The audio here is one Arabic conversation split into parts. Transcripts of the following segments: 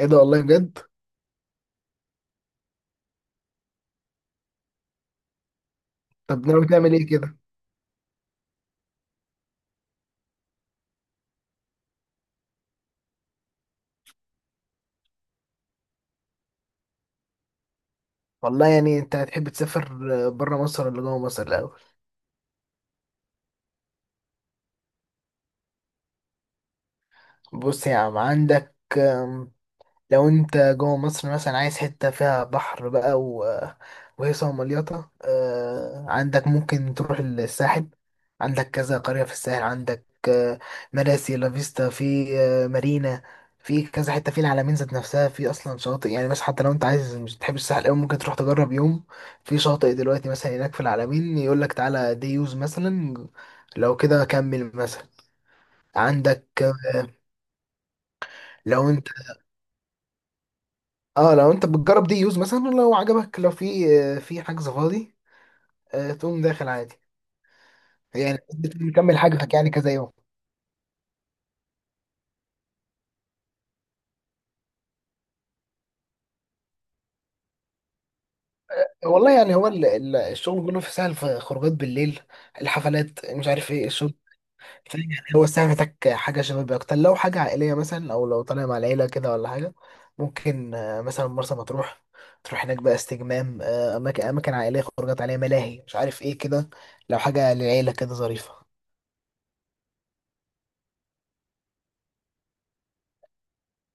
ايه ده والله بجد. طب ناوي تعمل ايه كده؟ والله يعني انت هتحب تسافر بره مصر ولا جوه مصر الاول؟ بص يا عم، عندك لو انت جوه مصر مثلا عايز حتة فيها بحر بقى وهيصة ومليطة، عندك ممكن تروح الساحل. عندك كذا قرية في الساحل، عندك مراسي، لافيستا، في آه، مارينا، في كذا حتة في العلمين ذات نفسها، في أصلا شواطئ يعني. بس حتى لو أنت عايز، مش تحب الساحل أوي، ممكن تروح تجرب يوم في شاطئ دلوقتي مثلا هناك في العلمين، يقولك تعالى دي يوز مثلا، لو كده كمل مثلا. عندك لو انت، اه لو انت بتجرب دي يوز مثلا، لو عجبك، لو في حجز فاضي، تقوم داخل عادي، يعني بتكمل حجزك يعني كذا يوم. والله يعني هو الشغل كله في سهل، في خروجات بالليل، الحفلات، مش عارف ايه الشغل. فاهم؟ يعني هو الساعة محتاج حاجة شبابية أكتر، لو حاجة عائلية مثلا، أو لو طالع مع العيلة كده ولا حاجة، ممكن مثلا مرسى مطروح، تروح هناك بقى استجمام، أماكن، أماكن عائلية، خروجات عليها ملاهي، مش عارف ايه كده، لو حاجة للعيلة كده ظريفة.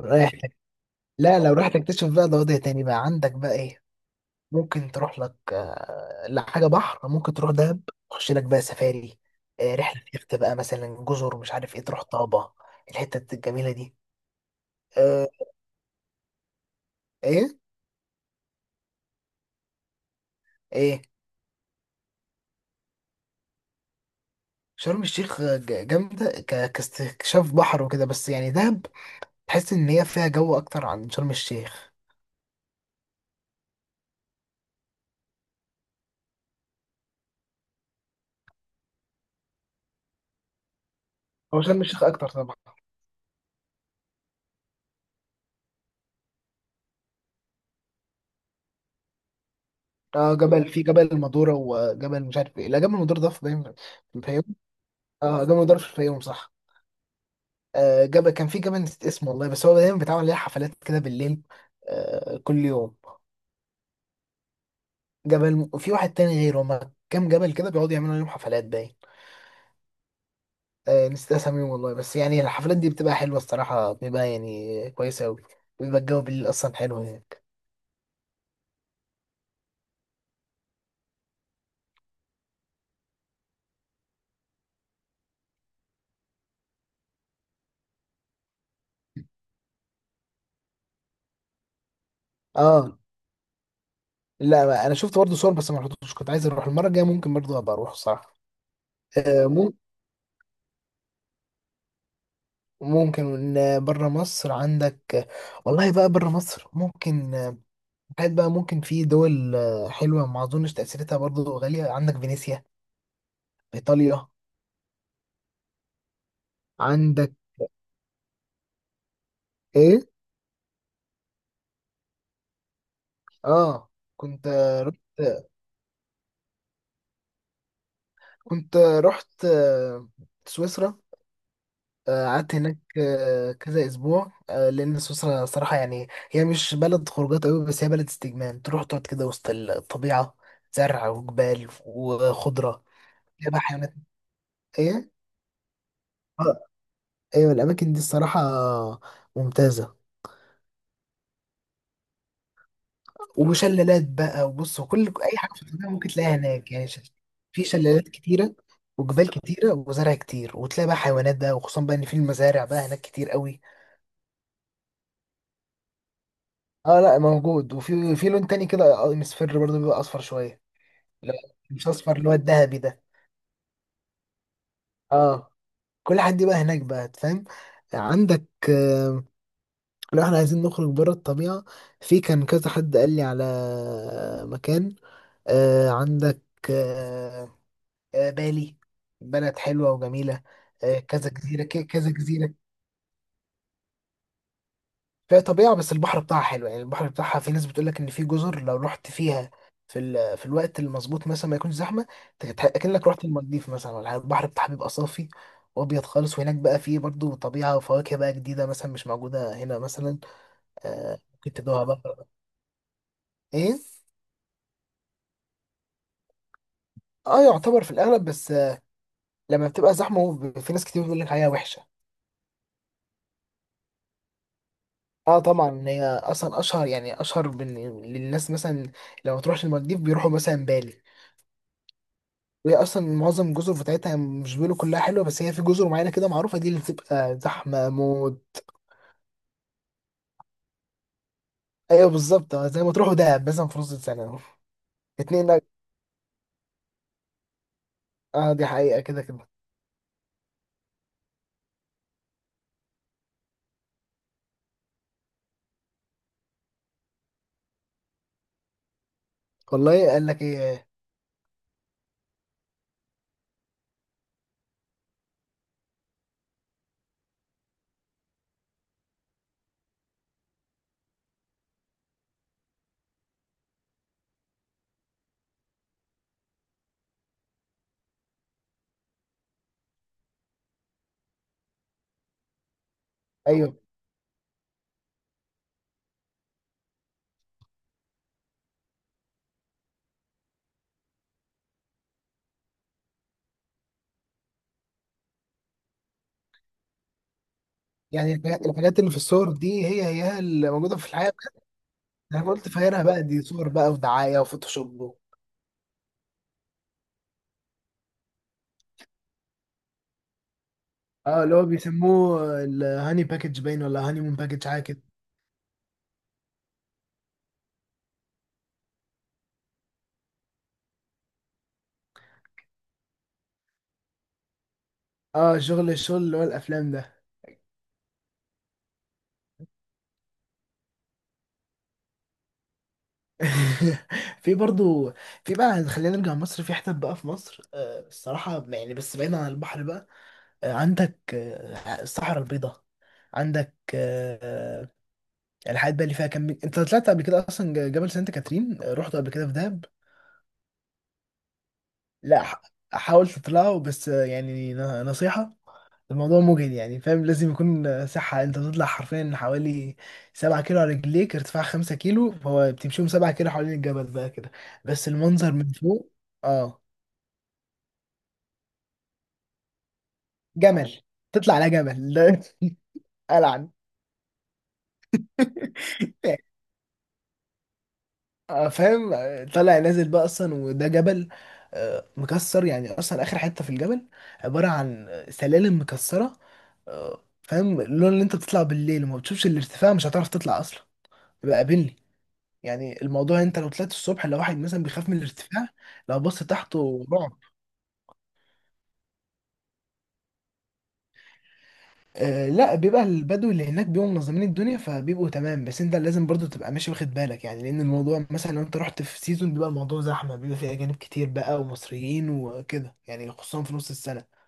رايح؟ لا، لو رحت تكتشف بقى ده وضع تاني بقى، عندك بقى ايه، ممكن تروح لك لحاجة بحر، ممكن تروح دهب، تخش لك بقى سفاري، رحلة يخت بقى مثلا، جزر، مش عارف ايه، تروح طابة، الحتة الجميلة دي. آه، ايه؟ ايه؟ شرم الشيخ آه، ج- جامدة ك- كاستكشاف بحر وكده، بس يعني دهب تحس ان هي فيها جو اكتر عن شرم الشيخ. هو شرم الشيخ اكتر طبعا. اه جبل، في جبل المدورة وجبل مش عارف ايه لا جبل المدورة ده في، باين في الفيوم. اه جبل المدورة في الفيوم صح. جاب كان في جبل نسيت اسمه والله، بس هو دايما بيتعمل ليه حفلات كده بالليل، كل يوم. جبل، وفي واحد تاني غيره، هما كام جبل كده بيقعدوا يعملوا ليهم حفلات باين. نسيت اساميهم والله، بس يعني الحفلات دي بتبقى حلوة الصراحة، بيبقى يعني كويسة أوي. بيبقى الجو بالليل أصلا حلو هناك. اه لا، أنا شفت برضه صور بس ما رحتوش، كنت عايز أروح المرة الجاية، ممكن برضه أبقى أروح الصراحة. آه، مم- ممكن. بره مصر؟ عندك، والله بقى بره مصر ممكن، حاجات بقى ممكن في دول حلوة، ما أظنش تأثيرتها برضو غالية. عندك فينيسيا في إيطاليا، عندك إيه؟ آه، كنت رحت، كنت آه، رحت آه، سويسرا. قعدت هناك كذا أسبوع، لأن سويسرا صراحة يعني هي مش بلد خروجات أوي، بس هي بلد استجمام، تروح تقعد كده وسط الطبيعة، زرع وجبال وخضرة، فيها بقى حيوانات. إيه؟ آه، أيوة الأماكن دي الصراحة ممتازة. وشلالات بقى، وبص، وكل اي حاجه في الطبيعه ممكن تلاقيها هناك يعني، في شلالات كتيره وجبال كتيره وزرع كتير، وتلاقي بقى حيوانات بقى، وخصوصا بقى ان في المزارع بقى هناك كتير قوي. اه لا موجود، وفي لون تاني كده مصفر برضه، بيبقى اصفر شويه. لا مش اصفر، اللي هو الذهبي ده. اه كل حد بقى هناك بقى فاهم. عندك لو احنا عايزين نخرج بره الطبيعه، في كان كذا حد قال لي على مكان عندك آه، بالي، بلد حلوة وجميلة، كذا جزيرة. فيها طبيعة، بس البحر بتاعها حلو يعني. البحر بتاعها، في ناس بتقول لك إن في جزر لو رحت فيها في الوقت المظبوط مثلا، ما يكونش زحمة، أكنك رحت المالديف مثلا ولا حاجة. البحر بتاعها بيبقى صافي وأبيض خالص، وهناك بقى فيه برضو طبيعة وفواكه بقى جديدة مثلا مش موجودة هنا مثلا. ممكن تدوها بقى. إيه؟ اه يعتبر في الأغلب، بس لما بتبقى زحمة، في ناس كتير بتقول لك عليها وحشة. اه طبعا هي اصلا اشهر، يعني للناس مثلا، لو تروح المالديف بيروحوا مثلا بالي. وهي اصلا معظم الجزر بتاعتها مش بيقولوا كلها حلوه، بس هي في جزر معينه كده معروفه، دي اللي بتبقى زحمه موت. ايوه بالظبط، زي ما تروحوا دهب مثلا في نص السنه. اتنين. اه دي حقيقه كده كده. والله قال لك ايه؟ ايوه يعني الحاجات، الحاجات اللي في الصور دي هي اللي موجوده في الحياه. انا قلت فاكرها بقى دي صور بقى ودعايه وفوتوشوب اه اللي هو بيسموه الهاني باكج، باين ولا هاني مون باكج، حاجه كده. اه شغل، الشغل اللي هو الافلام ده. في برضو، في بقى، خلينا نرجع مصر، في حتت بقى في مصر آه الصراحة يعني، بس بعيد عن البحر بقى، آه عندك آه الصحراء البيضاء. عندك آه الحاجات بقى اللي فيها كم. انت طلعت قبل كده اصلا جبل سانت كاترين؟ رحت قبل كده في دهب؟ لا حاول تطلعه بس، آه يعني نصيحة، الموضوع مجهد يعني فاهم، لازم يكون صحة، انت بتطلع حرفيا حوالي 7 كيلو على رجليك، ارتفاع 5 كيلو، فهو بتمشيهم 7 كيلو حوالين الجبل بقى كده، بس المنظر من فوق. اه جمل. تطلع على جبل ده؟ ألعن. فاهم، طالع نازل بقى اصلا، وده جبل مكسر يعني، اصلا اخر حتة في الجبل عبارة عن سلالم مكسرة. فاهم اللون اللي انت بتطلع بالليل وما بتشوفش الارتفاع، مش هتعرف تطلع اصلا، يبقى قابلني. يعني الموضوع، انت لو طلعت الصبح، لو واحد مثلا بيخاف من الارتفاع، لو بص تحته رعب. آه لا بيبقى البدو اللي هناك بيبقوا منظمين الدنيا، فبيبقوا تمام، بس انت لازم برضو تبقى ماشي واخد بالك يعني، لان الموضوع مثلا لو انت رحت في سيزون، بيبقى الموضوع زحمه، بيبقى فيه اجانب كتير بقى ومصريين وكده يعني، خصوصا في نص السنه.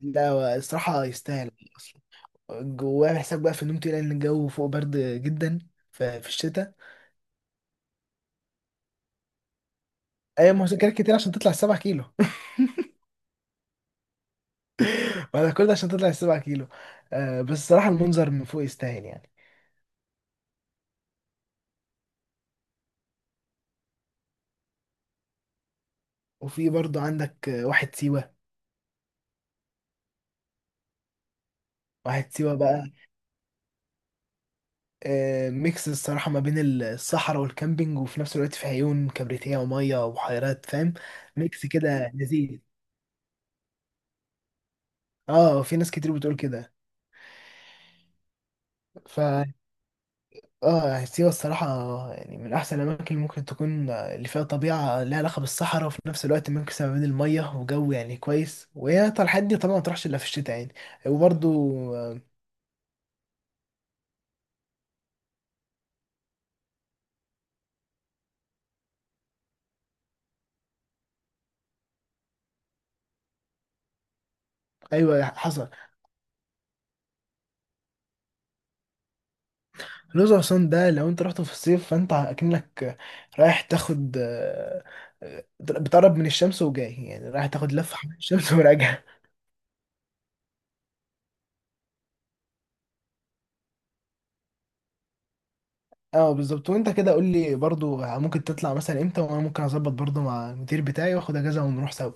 لا الصراحه يستاهل، جواه حساب بقى في النوم تقيل لان الجو فوق برد جدا في الشتاء. اي مذاكرات كتير عشان تطلع 7 كيلو؟ ولا كل ده عشان تطلع 7 كيلو؟ آه بس الصراحه المنظر من فوق يستاهل يعني. وفي برضو عندك واحد سيوة. واحد سيوة بقى ميكس الصراحة ما بين الصحراء والكامبينج، وفي نفس الوقت في عيون كبريتية ومية وبحيرات، فاهم، ميكس كده لذيذ. اه في ناس كتير بتقول كده. ف اه سيوة الصراحة يعني من أحسن الأماكن اللي ممكن تكون اللي فيها طبيعة لها علاقة بالصحراء، وفي نفس الوقت ميكس ما بين المية وجو يعني كويس، وهي الحاجات دي طبعا ما تروحش إلا في الشتاء يعني. وبرضو أيوة حصل. الأقصر وأسوان ده لو أنت رحت في الصيف فأنت أكنك رايح تاخد بتقرب من الشمس وجاي، يعني رايح تاخد لفة حوالين الشمس وراجع. اه بالظبط، وأنت كده قول لي برضو ممكن تطلع مثلا إمتى، وأنا ممكن أظبط برضو مع المدير بتاعي وآخد أجازة ونروح سوا.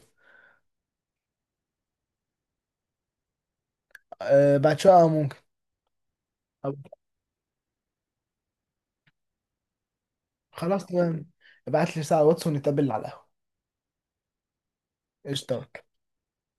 أه بعد شوية ممكن. أو- خلاص تمام، ابعت لي ساعة واتس ونتقابل على القهوة. قشطة.